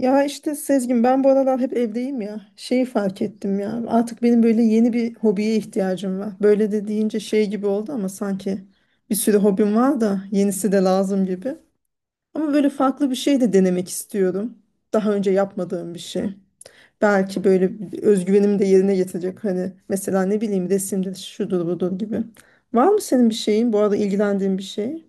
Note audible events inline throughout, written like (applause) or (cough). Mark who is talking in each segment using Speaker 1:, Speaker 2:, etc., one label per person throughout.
Speaker 1: Ya işte Sezgin, ben bu aralar hep evdeyim ya. Şeyi fark ettim ya. Artık benim böyle yeni bir hobiye ihtiyacım var. Böyle de deyince şey gibi oldu ama sanki bir sürü hobim var da yenisi de lazım gibi. Ama böyle farklı bir şey de denemek istiyorum. Daha önce yapmadığım bir şey. Belki böyle bir özgüvenimi de yerine getirecek. Hani mesela ne bileyim resimdir, şudur budur gibi. Var mı senin bir şeyin? Bu arada ilgilendiğin bir şey?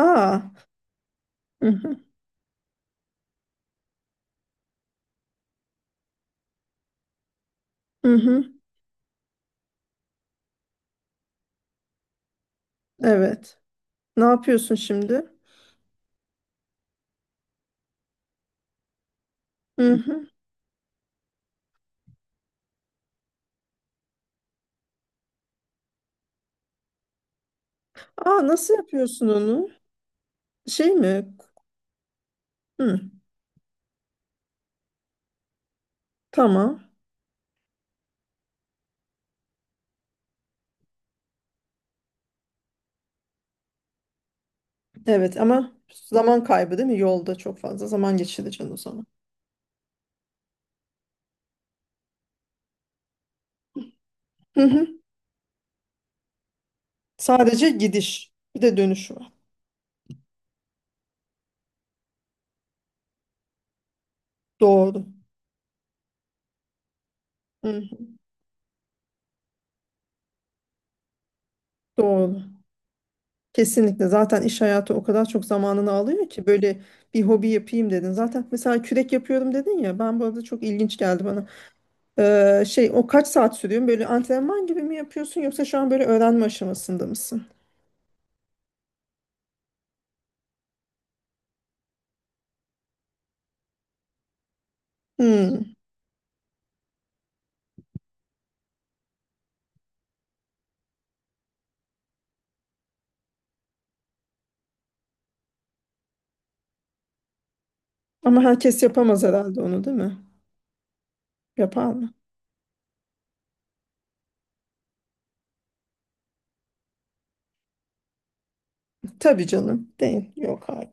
Speaker 1: Aa. Hı hı. Hı hı. Evet. Ne yapıyorsun şimdi? Hı hı. Aa, nasıl yapıyorsun onu? Şey mi? Hı, tamam. Evet ama zaman kaybı değil mi? Yolda çok fazla zaman geçireceksin o zaman. Hı hı. Sadece gidiş. Bir de dönüş var. Doğru. Hı hı. Doğru. Kesinlikle. Zaten iş hayatı o kadar çok zamanını alıyor ki böyle bir hobi yapayım dedin. Zaten mesela kürek yapıyorum dedin ya. Ben bu arada çok ilginç geldi bana. Şey o kaç saat sürüyor? Böyle antrenman gibi mi yapıyorsun yoksa şu an böyle öğrenme aşamasında mısın? Hı. Ama herkes yapamaz herhalde onu, değil mi? Yapar mı? Tabii canım. Değil. Yok abi.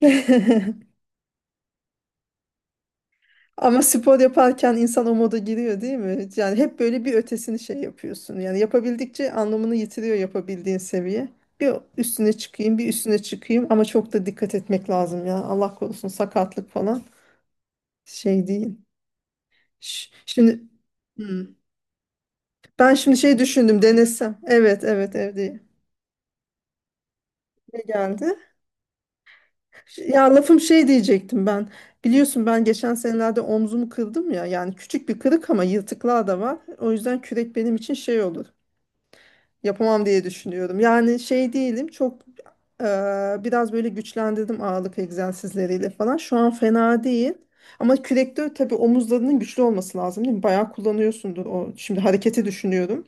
Speaker 1: (laughs) Ama spor yaparken insan o moda giriyor değil mi? Yani hep böyle bir ötesini şey yapıyorsun. Yani yapabildikçe anlamını yitiriyor yapabildiğin seviye. Bir üstüne çıkayım, bir üstüne çıkayım ama çok da dikkat etmek lazım ya. Allah korusun sakatlık falan şey değil. Şimdi Hmm. ben şimdi şey düşündüm, denesem. Evet, evet, evde. Ne geldi? Ya lafım şey diyecektim ben. Biliyorsun ben geçen senelerde omzumu kırdım ya. Yani küçük bir kırık ama yırtıklar da var. O yüzden kürek benim için şey olur. Yapamam diye düşünüyorum. Yani şey değilim. Çok e, biraz böyle güçlendirdim ağırlık egzersizleriyle falan. Şu an fena değil. Ama kürekte tabii omuzlarının güçlü olması lazım, değil mi? Bayağı kullanıyorsundur o. Şimdi hareketi düşünüyorum.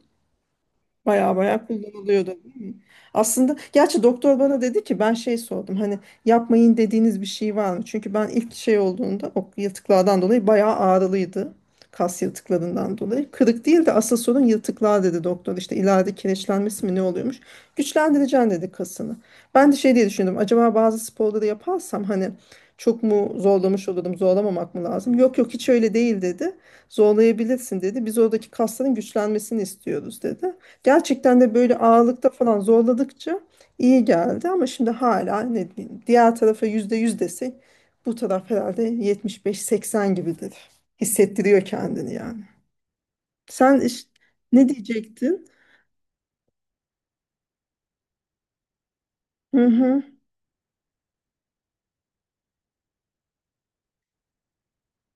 Speaker 1: Baya baya kullanılıyordu, değil mi? Aslında gerçi doktor bana dedi ki ben şey sordum hani yapmayın dediğiniz bir şey var mı? Çünkü ben ilk şey olduğunda o yırtıklardan dolayı bayağı ağrılıydı. Kas yırtıklarından dolayı. Kırık değil de asıl sorun yırtıklar dedi doktor. İşte ileride kireçlenmesi mi ne oluyormuş? Güçlendireceksin dedi kasını. Ben de şey diye düşündüm. Acaba bazı sporları yaparsam hani çok mu zorlamış olurum, zorlamamak mı lazım? Yok yok hiç öyle değil dedi. Zorlayabilirsin dedi. Biz oradaki kasların güçlenmesini istiyoruz dedi. Gerçekten de böyle ağırlıkta falan zorladıkça iyi geldi ama şimdi hala ne diyeyim, diğer tarafa %100 desek bu taraf herhalde 75-80 gibidir. Hissettiriyor kendini yani. Sen ne diyecektin? Hı hı.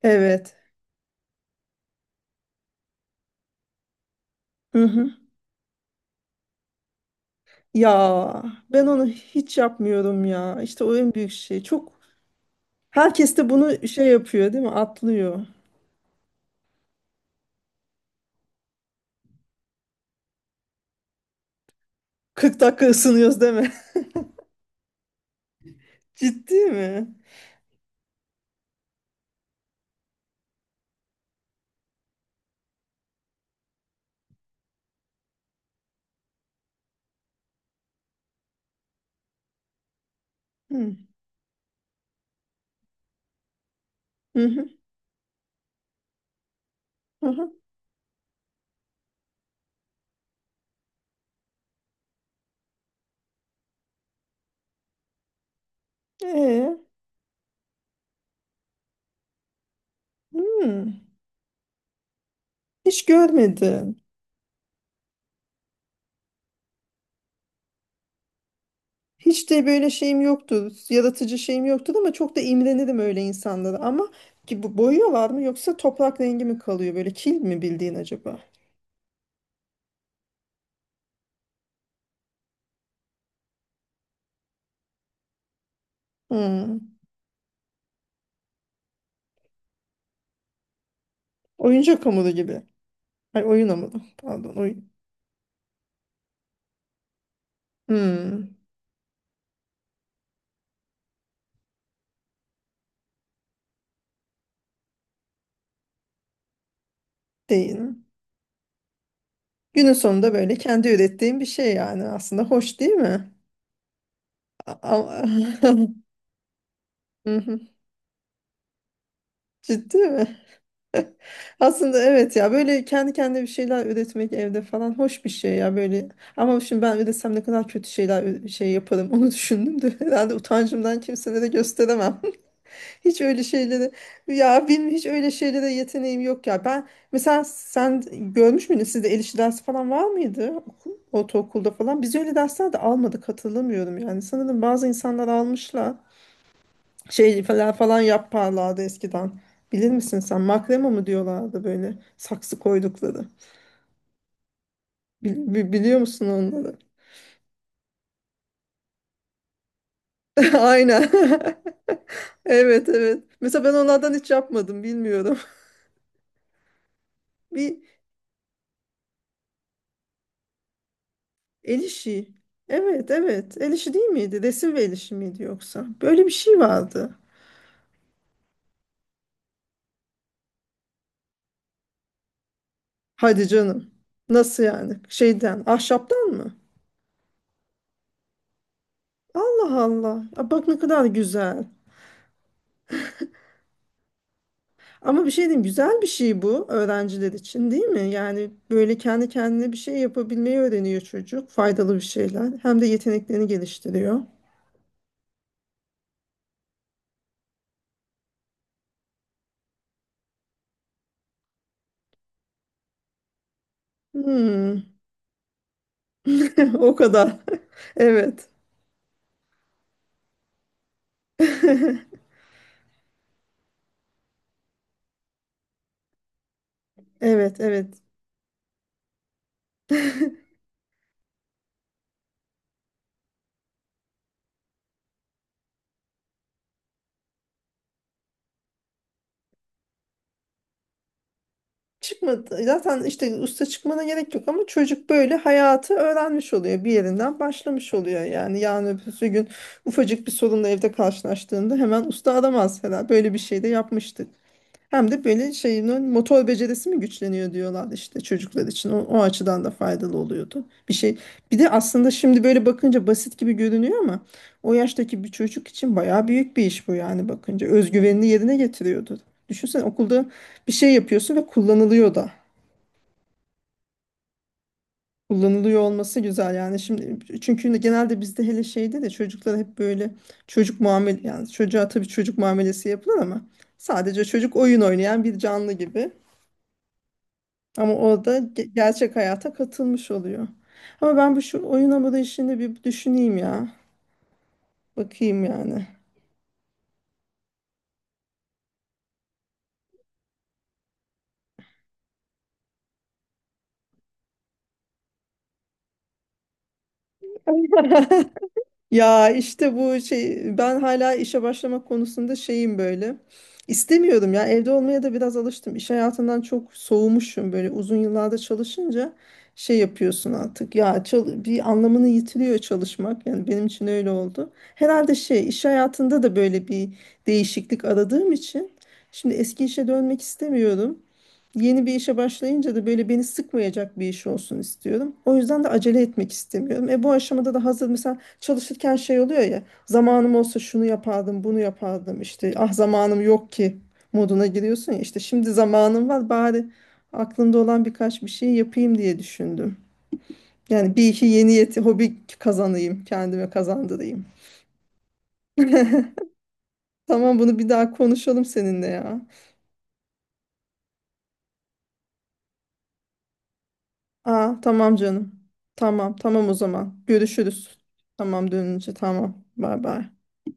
Speaker 1: Evet. Hı hı. Ya ben onu hiç yapmıyorum ya. İşte o en büyük şey. Çok herkes de bunu şey yapıyor değil mi? Atlıyor. 40 dakika ısınıyoruz değil mi? (laughs) Ciddi mi? Hı hı. Hı hı. Hı hı. Ee? Hmm. Hiç görmedim. Hiç de böyle şeyim yoktu. Yaratıcı şeyim yoktu ama çok da imrenirim öyle insanlara. Ama ki bu boyuyorlar mı yoksa toprak rengi mi kalıyor böyle, kil mi bildiğin acaba? Hmm. Oyuncak hamuru gibi. Ay oyun hamuru. Pardon, oyun. Hmm. Değil. Günün sonunda böyle kendi ürettiğim bir şey yani aslında hoş değil mi? A- a- (laughs) Hı hı. Ciddi mi? Aslında evet ya, böyle kendi kendine bir şeyler üretmek evde falan hoş bir şey ya böyle. Ama şimdi ben üretsem ne kadar kötü şeyler şey yaparım onu düşündüm de (laughs) herhalde utancımdan kimselere gösteremem. (laughs) Hiç öyle şeylere ya benim hiç öyle şeylere yeteneğim yok ya. Ben mesela sen görmüş müydün, sizde el işi dersi falan var mıydı ortaokulda falan? Biz öyle dersler de almadık, hatırlamıyorum yani. Sanırım bazı insanlar almışlar şey falan falan yaparlardı eskiden. Bilir misin sen? Makrema mı diyorlardı böyle saksı koydukları. Biliyor musun onları? (laughs) Aynen. (laughs) Evet, evet. Mesela ben onlardan hiç yapmadım, bilmiyorum. (laughs) Bir el işi. Evet, evet. El işi değil miydi? Resim ve el işi miydi yoksa? Böyle bir şey vardı. Hadi canım. Nasıl yani? Şeyden, ahşaptan mı? Allah Allah. Aa, bak ne kadar güzel. Ama bir şey diyeyim, güzel bir şey bu öğrenciler için değil mi? Yani böyle kendi kendine bir şey yapabilmeyi öğreniyor çocuk. Faydalı bir şeyler. Hem de yeteneklerini geliştiriyor. Hmm. (laughs) O kadar. (laughs) Evet. (laughs) Evet, evet. Çıkmadı. Zaten işte usta çıkmana gerek yok ama çocuk böyle hayatı öğrenmiş oluyor. Bir yerinden başlamış oluyor yani. Yarın öbür gün ufacık bir sorunla evde karşılaştığında hemen usta aramaz herhalde. Böyle bir şey de yapmıştık. Hem de böyle şeyin motor becerisi mi güçleniyor diyorlar işte çocuklar için. O, o açıdan da faydalı oluyordu. Bir şey. Bir de aslında şimdi böyle bakınca basit gibi görünüyor ama o yaştaki bir çocuk için bayağı büyük bir iş bu yani, bakınca. Özgüvenini yerine getiriyordu. Düşünsene, okulda bir şey yapıyorsun ve kullanılıyor da. Kullanılıyor olması güzel yani şimdi, çünkü genelde bizde hele şeyde de çocuklara hep böyle çocuk muamele, yani çocuğa tabii çocuk muamelesi yapılır ama sadece çocuk oyun oynayan bir canlı gibi. Ama o da gerçek hayata katılmış oluyor. Ama ben bu şu oyun hamuru işini bir düşüneyim ya. Bakayım yani. (laughs) Ya işte bu şey, ben hala işe başlamak konusunda şeyim böyle. İstemiyorum ya, evde olmaya da biraz alıştım. İş hayatından çok soğumuşum böyle uzun yıllarda çalışınca şey yapıyorsun artık. Ya bir anlamını yitiriyor çalışmak. Yani benim için öyle oldu. Herhalde şey iş hayatında da böyle bir değişiklik aradığım için şimdi eski işe dönmek istemiyorum. Yeni bir işe başlayınca da böyle beni sıkmayacak bir iş olsun istiyorum. O yüzden de acele etmek istemiyorum. E bu aşamada da hazır mesela çalışırken şey oluyor ya, zamanım olsa şunu yapardım bunu yapardım işte ah zamanım yok ki moduna giriyorsun ya, işte şimdi zamanım var bari aklımda olan birkaç bir şey yapayım diye düşündüm. Yani bir iki yeni hobi kazanayım, kendime kazandırayım. Tamam bunu bir daha konuşalım seninle ya. Aa, tamam canım. Tamam, tamam o zaman. Görüşürüz. Tamam, dönünce tamam. Bay bay.